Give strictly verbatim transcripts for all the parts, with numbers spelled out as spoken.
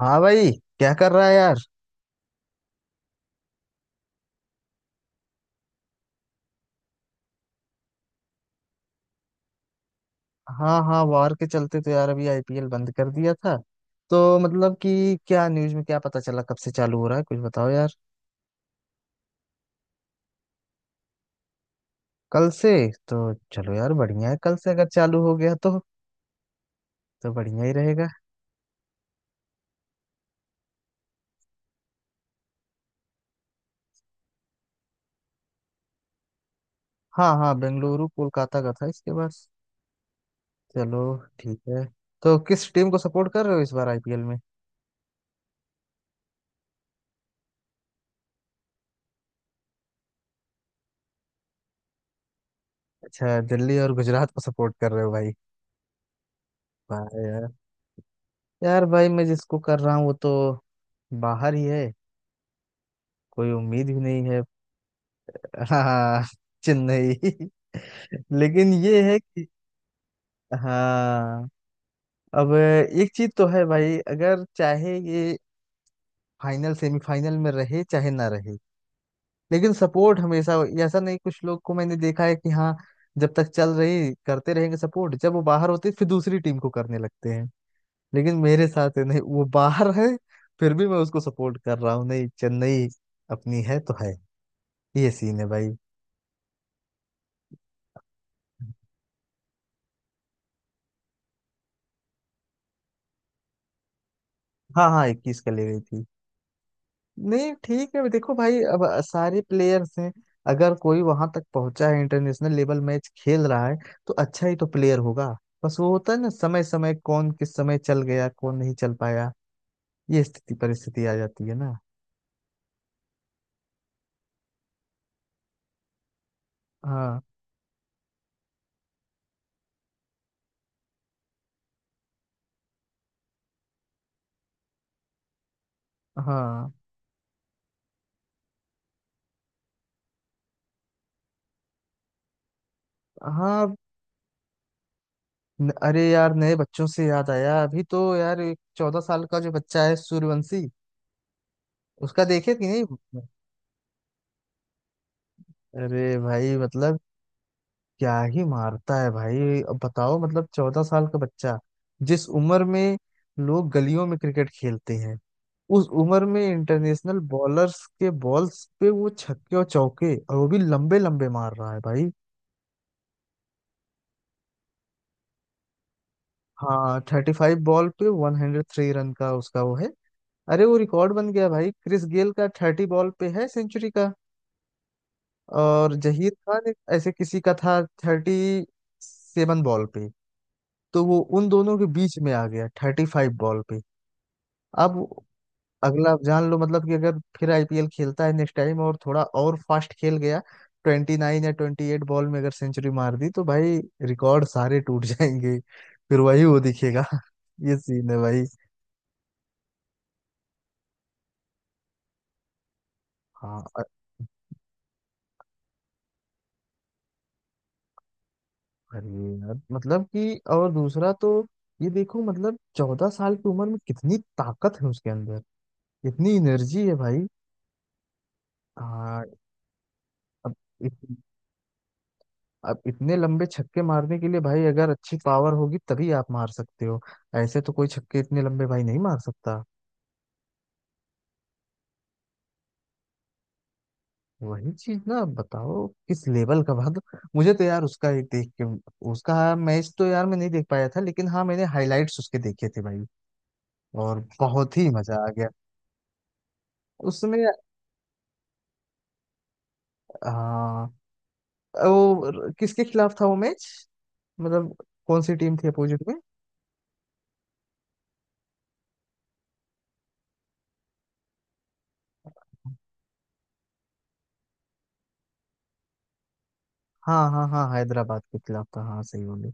हाँ भाई। क्या कर रहा है यार? हाँ हाँ, वार के चलते तो यार अभी आईपीएल बंद कर दिया था। तो मतलब कि क्या न्यूज़ में क्या पता चला कब से चालू हो रहा है, कुछ बताओ यार। कल से? तो चलो यार, बढ़िया है। कल से अगर चालू हो गया तो तो बढ़िया ही रहेगा। हाँ हाँ, बेंगलुरु कोलकाता का था इसके बाद। चलो। ठीक है। तो किस टीम को सपोर्ट कर रहे हो इस बार आईपीएल में? अच्छा, दिल्ली और गुजरात को सपोर्ट कर रहे हो भाई? वाह यार। यार भाई मैं जिसको कर रहा हूँ वो तो बाहर ही है। कोई उम्मीद भी नहीं है। हाँ। चेन्नई। लेकिन ये है कि हाँ, अब एक चीज तो है भाई, अगर चाहे ये फाइनल सेमीफाइनल में रहे चाहे ना रहे लेकिन सपोर्ट हमेशा हो। ऐसा नहीं, कुछ लोग को मैंने देखा है कि हाँ, जब तक चल रही करते रहेंगे सपोर्ट, जब वो बाहर होते फिर दूसरी टीम को करने लगते हैं। लेकिन मेरे साथ है नहीं, वो बाहर है फिर भी मैं उसको सपोर्ट कर रहा हूँ। नहीं, चेन्नई अपनी है तो है। ये सीन है भाई। हाँ हाँ, इक्कीस का ले गई थी। नहीं ठीक है, देखो भाई अब सारे प्लेयर्स हैं। अगर कोई वहां तक पहुंचा है, इंटरनेशनल लेवल मैच खेल रहा है, तो अच्छा ही तो प्लेयर होगा। बस वो होता है ना, समय समय कौन किस समय चल गया कौन नहीं चल पाया। ये स्थिति परिस्थिति आ जाती है ना। हाँ हाँ हाँ, न- अरे यार नए बच्चों से याद आया, अभी तो यार एक चौदह साल का जो बच्चा है, सूर्यवंशी, उसका देखे कि नहीं। अरे भाई मतलब क्या ही मारता है भाई। अब बताओ, मतलब चौदह साल का बच्चा, जिस उम्र में लोग गलियों में क्रिकेट खेलते हैं, उस उम्र में इंटरनेशनल बॉलर्स के बॉल्स पे वो छक्के और चौके और वो भी लंबे लंबे मार रहा है भाई। हाँ, थर्टी फाइव बॉल पे वन हंड्रेड थ्री रन का उसका वो है। अरे वो रिकॉर्ड बन गया भाई, क्रिस गेल का थर्टी बॉल पे है सेंचुरी का। और जहीर खान, एक ऐसे किसी का था, थर्टी सेवन बॉल पे। तो वो उन दोनों के बीच में आ गया थर्टी फाइव बॉल पे। अब अगला आप जान लो, मतलब कि अगर फिर आईपीएल खेलता है नेक्स्ट टाइम और थोड़ा और फास्ट खेल गया, ट्वेंटी नाइन या ट्वेंटी एट बॉल में अगर सेंचुरी मार दी तो भाई रिकॉर्ड सारे टूट जाएंगे। फिर वही वो दिखेगा ये सीन है भाई। हाँ, अ- अरे यार मतलब कि, और दूसरा तो ये देखो, मतलब चौदह साल की उम्र में कितनी ताकत है उसके अंदर, इतनी एनर्जी है भाई। हाँ। अब अब इतने लंबे छक्के मारने के लिए भाई, अगर अच्छी पावर होगी तभी आप मार सकते हो। ऐसे तो कोई छक्के इतने लंबे भाई नहीं मार सकता। वही चीज ना, अब बताओ किस लेवल का भाग। मुझे तो यार उसका एक देख के उसका, हाँ, मैच तो यार मैं नहीं देख पाया था, लेकिन हाँ मैंने हाइलाइट्स उसके देखे थे भाई, और बहुत ही मजा आ गया। उसमें, हाँ, वो किसके खिलाफ था वो मैच? मतलब कौन सी टीम थी अपोजिट में? हाँ हाँ हाँ, हैदराबाद के खिलाफ था, हाँ सही बोले।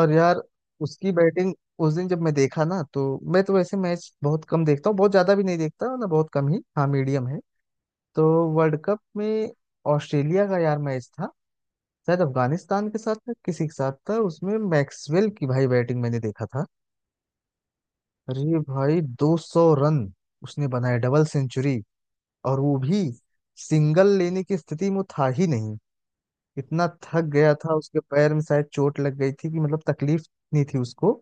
और यार उसकी बैटिंग, उस दिन जब मैं देखा ना, तो मैं तो वैसे मैच बहुत कम देखता हूँ, बहुत ज्यादा भी नहीं देखता ना, बहुत कम ही, हाँ, मीडियम है। तो वर्ल्ड कप में ऑस्ट्रेलिया का यार मैच था, शायद अफगानिस्तान के साथ था, किसी के साथ था, उसमें मैक्सवेल की भाई बैटिंग मैंने देखा था। अरे भाई, दो सौ रन उसने बनाए, डबल सेंचुरी। और वो भी सिंगल लेने की स्थिति में वो था ही नहीं, इतना थक गया था, उसके पैर में शायद चोट लग गई थी, कि मतलब तकलीफ नहीं थी उसको,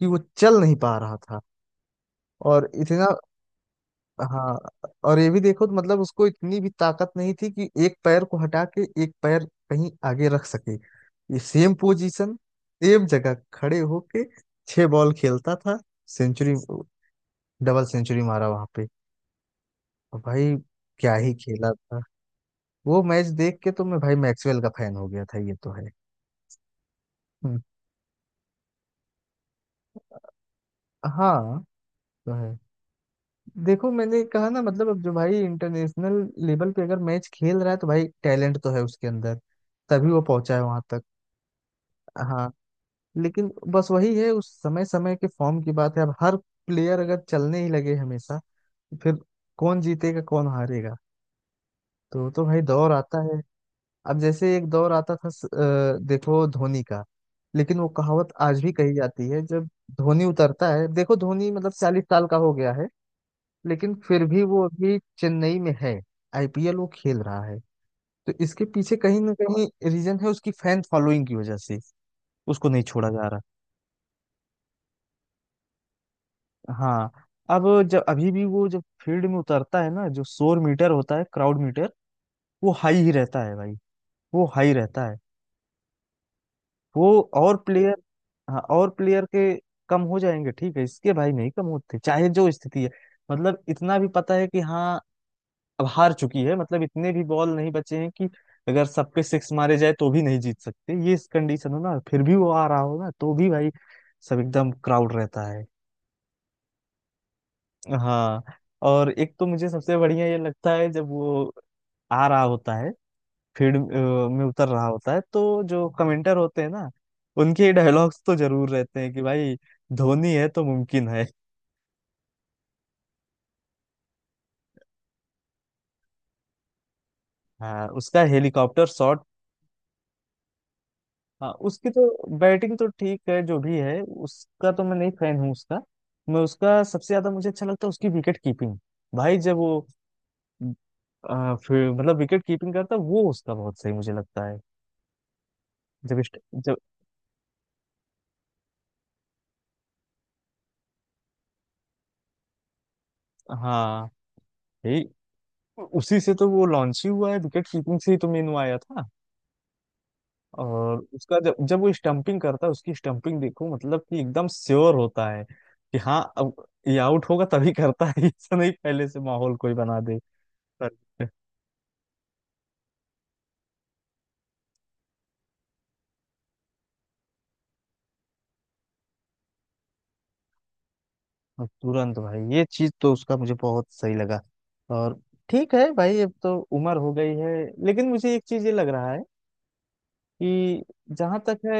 कि वो चल नहीं पा रहा था। और इतना, हाँ, और ये भी देखो तो मतलब उसको इतनी भी ताकत नहीं थी कि एक पैर को हटा के एक पैर कहीं आगे रख सके। ये सेम पोजीशन, सेम जगह खड़े होके छह बॉल खेलता था। सेंचुरी, डबल सेंचुरी मारा वहां पे, और भाई क्या ही खेला था। वो मैच देख के तो मैं भाई मैक्सवेल का फैन हो गया था, ये तो है। हम्म, हाँ, तो है। देखो मैंने कहा ना, मतलब अब जो भाई इंटरनेशनल लेवल पे अगर मैच खेल रहा है, तो भाई टैलेंट तो है उसके अंदर, तभी वो पहुंचा है वहां तक। हाँ। लेकिन बस वही है, उस समय समय के फॉर्म की बात है। अब हर प्लेयर अगर चलने ही लगे हमेशा, फिर कौन जीतेगा कौन हारेगा। तो तो भाई दौर आता है। अब जैसे एक दौर आता था स- अ, देखो धोनी का। लेकिन वो कहावत आज भी कही जाती है, जब धोनी उतरता है, देखो धोनी मतलब चालीस साल का हो गया है, लेकिन फिर भी वो अभी चेन्नई में है, आईपीएल वो खेल रहा है। तो इसके पीछे कहीं ना कहीं रीजन है, उसकी फैन फॉलोइंग की वजह से उसको नहीं छोड़ा जा रहा। हाँ। अब जब अभी भी वो जब फील्ड में उतरता है ना, जो शोर मीटर होता है, क्राउड मीटर, वो हाई ही रहता है भाई। वो हाई रहता है। वो और प्लेयर, हाँ, और प्लेयर के कम हो जाएंगे ठीक है, इसके भाई नहीं कम होते चाहे जो स्थिति है। मतलब इतना भी पता है कि हाँ अब हार चुकी है, मतलब इतने भी बॉल नहीं बचे हैं कि अगर सब पे सिक्स मारे जाए तो भी नहीं जीत सकते, ये इस कंडीशन हो ना, फिर भी वो आ रहा हो ना तो भी भाई सब एकदम क्राउड रहता है। हाँ, और एक तो मुझे सबसे बढ़िया ये लगता है, जब वो आ रहा होता है, फील्ड अ, में उतर रहा होता है, तो जो कमेंटर होते हैं ना, उनके डायलॉग्स तो जरूर रहते हैं कि भाई धोनी है तो मुमकिन है। हाँ, उसका हेलीकॉप्टर शॉट। हाँ, उसकी तो बैटिंग तो ठीक है जो भी है उसका, तो मैं नहीं फैन हूँ उसका। मैं उसका सबसे ज्यादा मुझे अच्छा लगता है उसकी विकेट कीपिंग। भाई जब वो आ, फिर मतलब विकेट कीपिंग करता है वो, उसका बहुत सही मुझे लगता है। जब इस्ट- जब हाँ यही, उसी से तो वो लॉन्च ही हुआ है, विकेट कीपिंग से ही तो मेनू आया था। और उसका, जब जब वो स्टंपिंग करता है, उसकी स्टंपिंग देखो, मतलब कि एकदम श्योर होता है कि हाँ अब ये आउट होगा, तभी करता है ऐसा नहीं पहले से माहौल कोई बना दे। और तुरंत भाई, ये चीज तो उसका मुझे बहुत सही लगा। और ठीक है भाई, अब तो उम्र हो गई है। लेकिन मुझे एक चीज ये लग रहा है कि जहां तक है,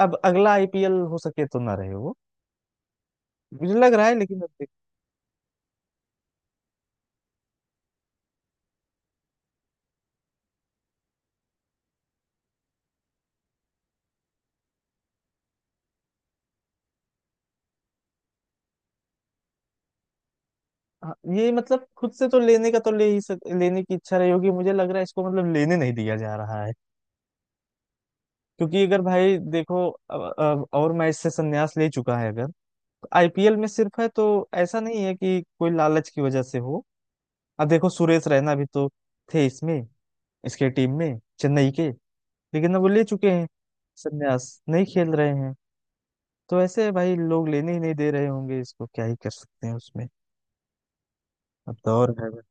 अब अगला आईपीएल हो सके तो ना रहे वो। मुझे लग रहा है, लेकिन अब देख- हाँ, ये मतलब खुद से तो लेने का, तो ले ही सक, लेने की इच्छा रही होगी, मुझे लग रहा है इसको मतलब लेने नहीं दिया जा रहा है। क्योंकि अगर भाई देखो, अब, अब और मैच से संन्यास ले चुका है अगर, तो आईपीएल में सिर्फ है तो, ऐसा नहीं है कि कोई लालच की वजह से हो। अब देखो सुरेश रैना भी तो थे इसमें, इसके टीम में चेन्नई के, लेकिन अब वो ले चुके हैं संन्यास, नहीं खेल रहे हैं। तो ऐसे भाई लोग लेने ही नहीं दे रहे होंगे इसको, क्या ही कर सकते हैं उसमें। अब दौर है भाई।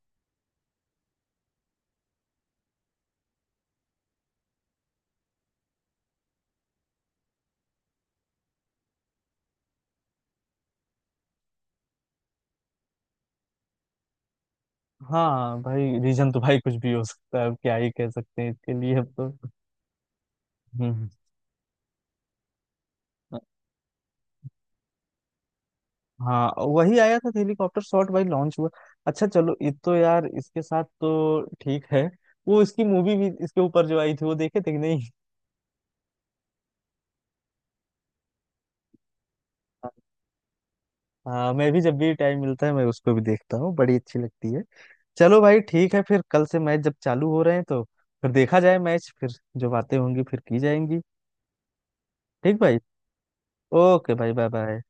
हाँ भाई रीजन तो भाई कुछ भी हो सकता है, अब क्या ही कह सकते हैं इसके लिए अब तो। हम्म। हाँ, वही आया था हेलीकॉप्टर शॉट भाई लॉन्च हुआ। अच्छा चलो, ये तो यार इसके साथ तो ठीक है। वो इसकी मूवी भी इसके ऊपर जो आई थी वो देखे थे कि नहीं? हाँ, मैं भी जब भी टाइम मिलता है मैं उसको भी देखता हूँ, बड़ी अच्छी लगती है। चलो भाई ठीक है, फिर कल से मैच जब चालू हो रहे हैं तो फिर देखा जाए मैच, फिर जो बातें होंगी फिर की जाएंगी। ठीक भाई। ओके भाई, बाय बाय।